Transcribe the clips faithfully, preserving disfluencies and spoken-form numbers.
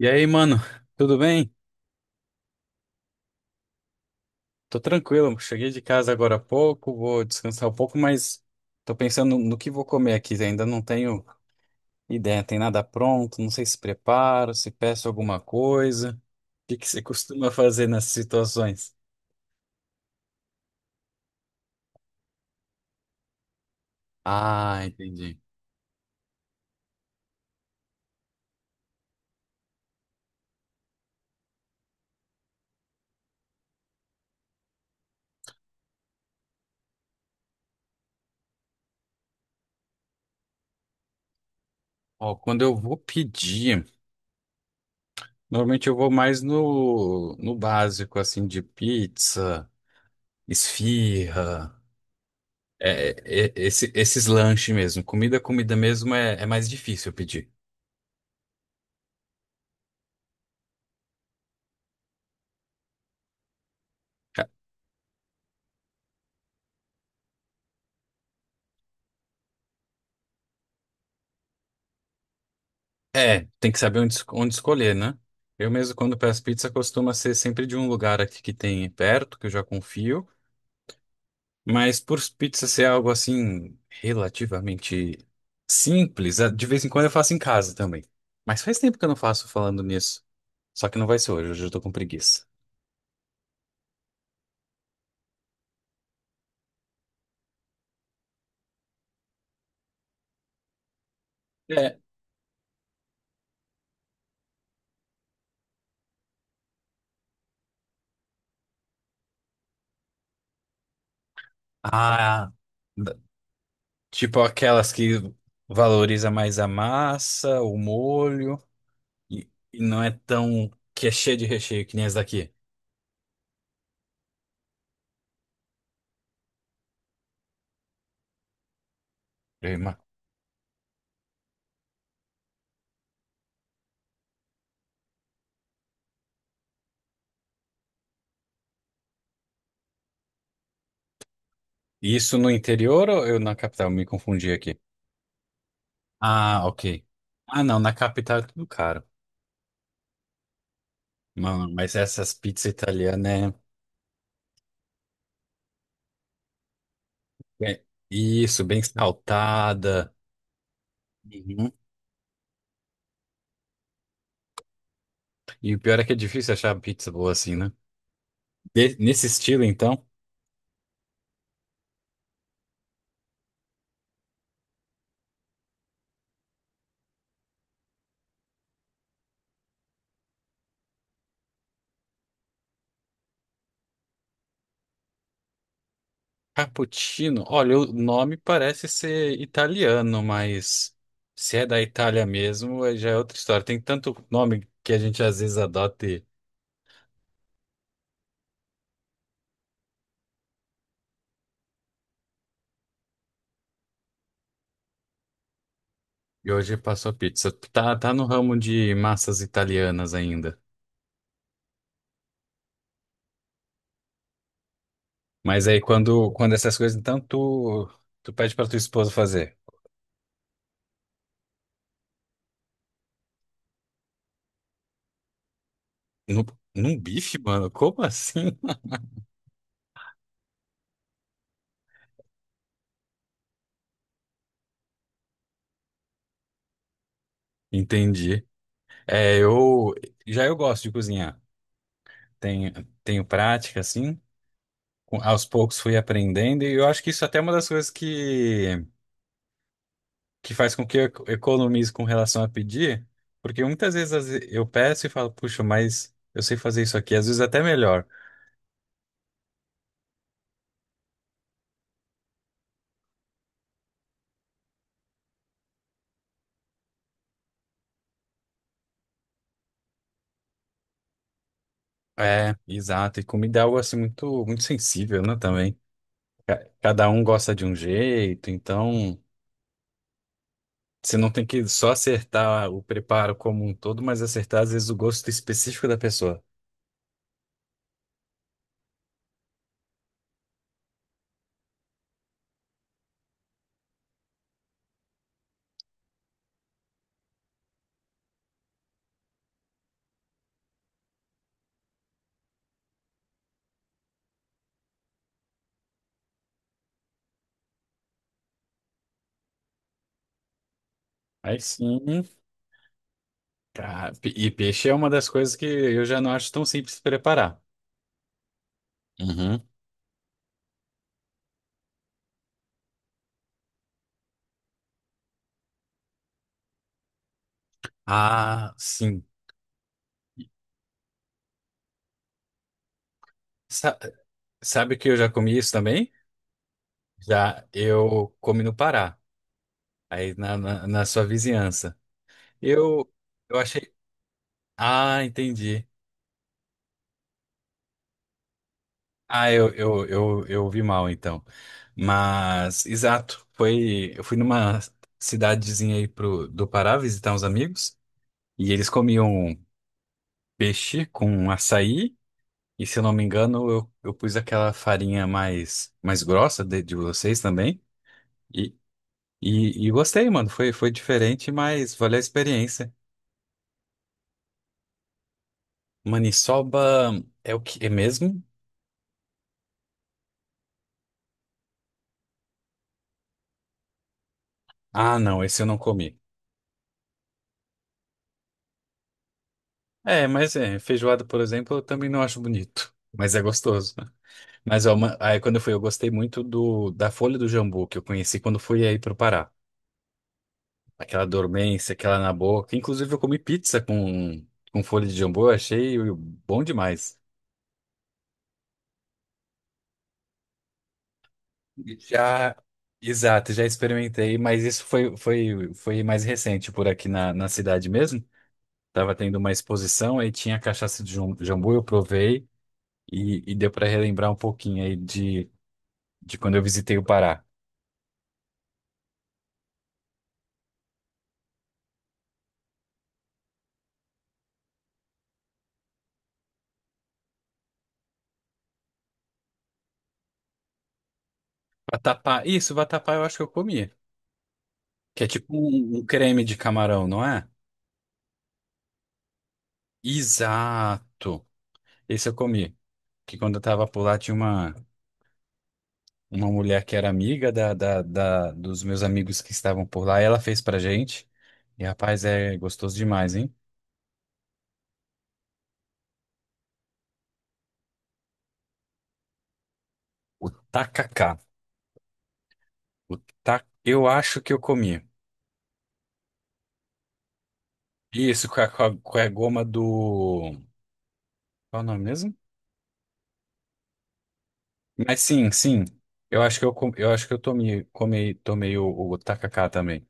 E aí, mano, tudo bem? Tô tranquilo, cheguei de casa agora há pouco, vou descansar um pouco, mas tô pensando no que vou comer aqui, ainda não tenho ideia, tem nada pronto, não sei se preparo, se peço alguma coisa. O que que você costuma fazer nessas situações? Ah, entendi. Ó, quando eu vou pedir, normalmente eu vou mais no, no básico, assim, de pizza, esfirra, é, é, esse- esses lanches mesmo. Comida, comida mesmo é é mais difícil eu pedir. Ca- É, tem que saber onde, es- onde escolher, né? Eu mesmo, quando peço pizza, costuma ser sempre de um lugar aqui que tem perto, que eu já confio. Mas por pizza ser algo assim, relativamente simples, eh, de vez em quando eu faço em casa também. Mas faz tempo que eu não faço falando nisso. Só que não vai ser hoje, hoje eu tô com preguiça. É. Ah, da- tipo aquelas que valoriza mais a massa, o molho, e, e não é tão que é cheia de recheio que nem as daqui. E isso no interior ou eu na capital? Me confundi aqui. Ah, ok. Ah, não, na capital é tudo caro. Mano, mas essas pizzas italianas é, é isso, bem saltada. Uhum. E o pior é que é difícil achar pizza boa assim, né? De- nesse estilo, então. Cappuccino, olha, o nome parece ser italiano, mas se é da Itália mesmo, aí já é outra história. Tem tanto nome que a gente às vezes adota e, e hoje passou pizza. Tá, tá no ramo de massas italianas ainda. Mas aí quando, quando essas coisas, então tu, tu pede pra tua esposa fazer. Num, Num bife, mano? Como assim? Entendi. É, eu já eu gosto de cozinhar. Tenho, Tenho prática, assim. Com- aos poucos fui aprendendo, e eu acho que isso até é uma das coisas que, que faz com que eu eco- economize com relação a pedir, porque muitas vezes às ve- eu peço e falo, puxa, mas eu sei fazer isso aqui, às vezes até melhor. É, exato, e comida é algo assim muito, muito sensível, né, também. Ca- Cada um gosta de um jeito, então você não tem que só acertar o preparo como um todo, mas acertar às vezes o gosto específico da pessoa. Aí sim, cara, pe- e peixe é uma das coisas que eu já não acho tão simples de preparar. Uhum. Ah, sim. Sa- sabe que eu já comi isso também? Já eu comi no Pará, aí na, na, na sua vizinhança. Eu, eu achei. Ah, entendi. Ah, eu, eu, eu, eu vi mal então. Mas, exato, foi. Eu fui numa cidadezinha aí pro, do Pará visitar uns amigos e eles comiam peixe com açaí. E se eu não me engano, eu, eu pus aquela farinha mais, mais grossa de, de vocês também. E, e gostei, mano. Foi, foi diferente, mas valeu a experiência. Maniçoba é o que é mesmo? Ah, não, esse eu não comi. É, mas é, feijoada, por exemplo, eu também não acho bonito, mas é gostoso. Né? Mas ó, uma- aí quando eu fui, eu gostei muito do da folha do jambu que eu conheci quando fui aí pro Pará. Aquela dormência, aquela na boca. Inclusive eu comi pizza com com folha de jambu, eu achei bom demais. Já, exato, já experimentei, mas isso foi, foi, foi mais recente por aqui na, na cidade mesmo. Tava tendo uma exposição, aí tinha cachaça de jam- jambu, eu provei e, e deu para relembrar um pouquinho aí de, de quando eu visitei o Pará. Vatapá, isso, vatapá eu acho que eu comi, que é tipo um, um creme de camarão, não é? Exato, esse eu comi, que quando eu tava por lá tinha uma uma mulher que era amiga da, da, da- dos meus amigos que estavam por lá, e ela fez pra gente. E rapaz, é gostoso demais, hein? O tacacá. O ta... Eu acho que eu comi. Isso, com a, com a, com a goma do. Qual é o nome mesmo? Mas sim, sim. Eu acho que eu, com- eu acho que eu tomei, comei, tomei o, o tacacá também.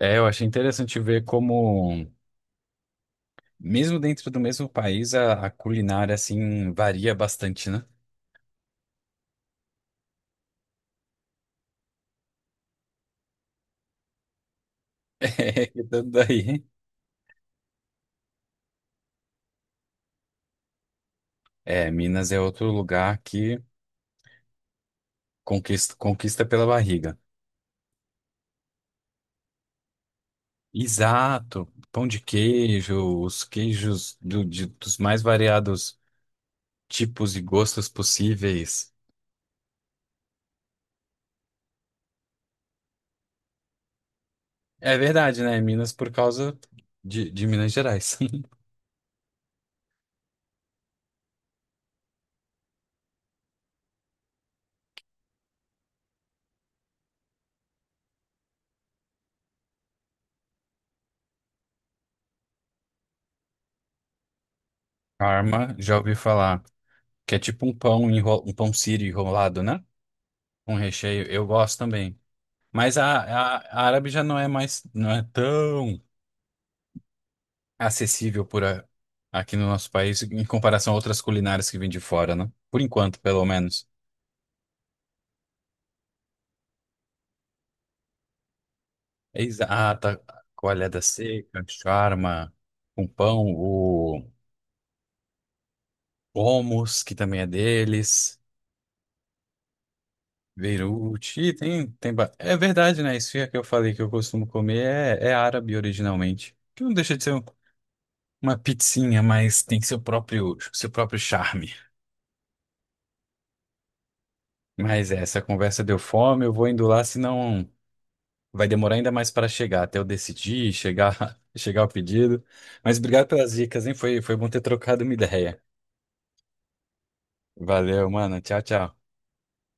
É, eu achei interessante ver como, mesmo dentro do mesmo país, a, a culinária assim varia bastante, né? É, tanto daí. É, Minas é outro lugar que conquista, conquista pela barriga. Exato, pão de queijo, os queijos do- de- dos mais variados tipos e gostos possíveis. É verdade, né? Minas por causa de, de Minas Gerais. Parma, já ouvi falar, que é tipo um pão, enro- um pão sírio enrolado, né? Um recheio, eu gosto também. Mas a, a, a árabe já não é mais, não é tão acessível por a- aqui no nosso país em comparação a outras culinárias que vêm de fora, né? Por enquanto, pelo menos. É exata, coalhada seca, charma, com pão, o hummus, que também é deles, beirute, e tem, tem... ba- é verdade, né? Esfirra que eu falei que eu costumo comer é, é árabe originalmente, que não deixa de ser um- uma pizzinha, mas tem seu próprio, seu próprio charme. Mas é, essa conversa deu fome, eu vou indo lá, senão... Vai demorar ainda mais para chegar, até eu decidir, chegar, chegar ao pedido. Mas obrigado pelas dicas, hein? Foi, foi bom ter trocado uma ideia. Valeu, mano. Tchau, tchau.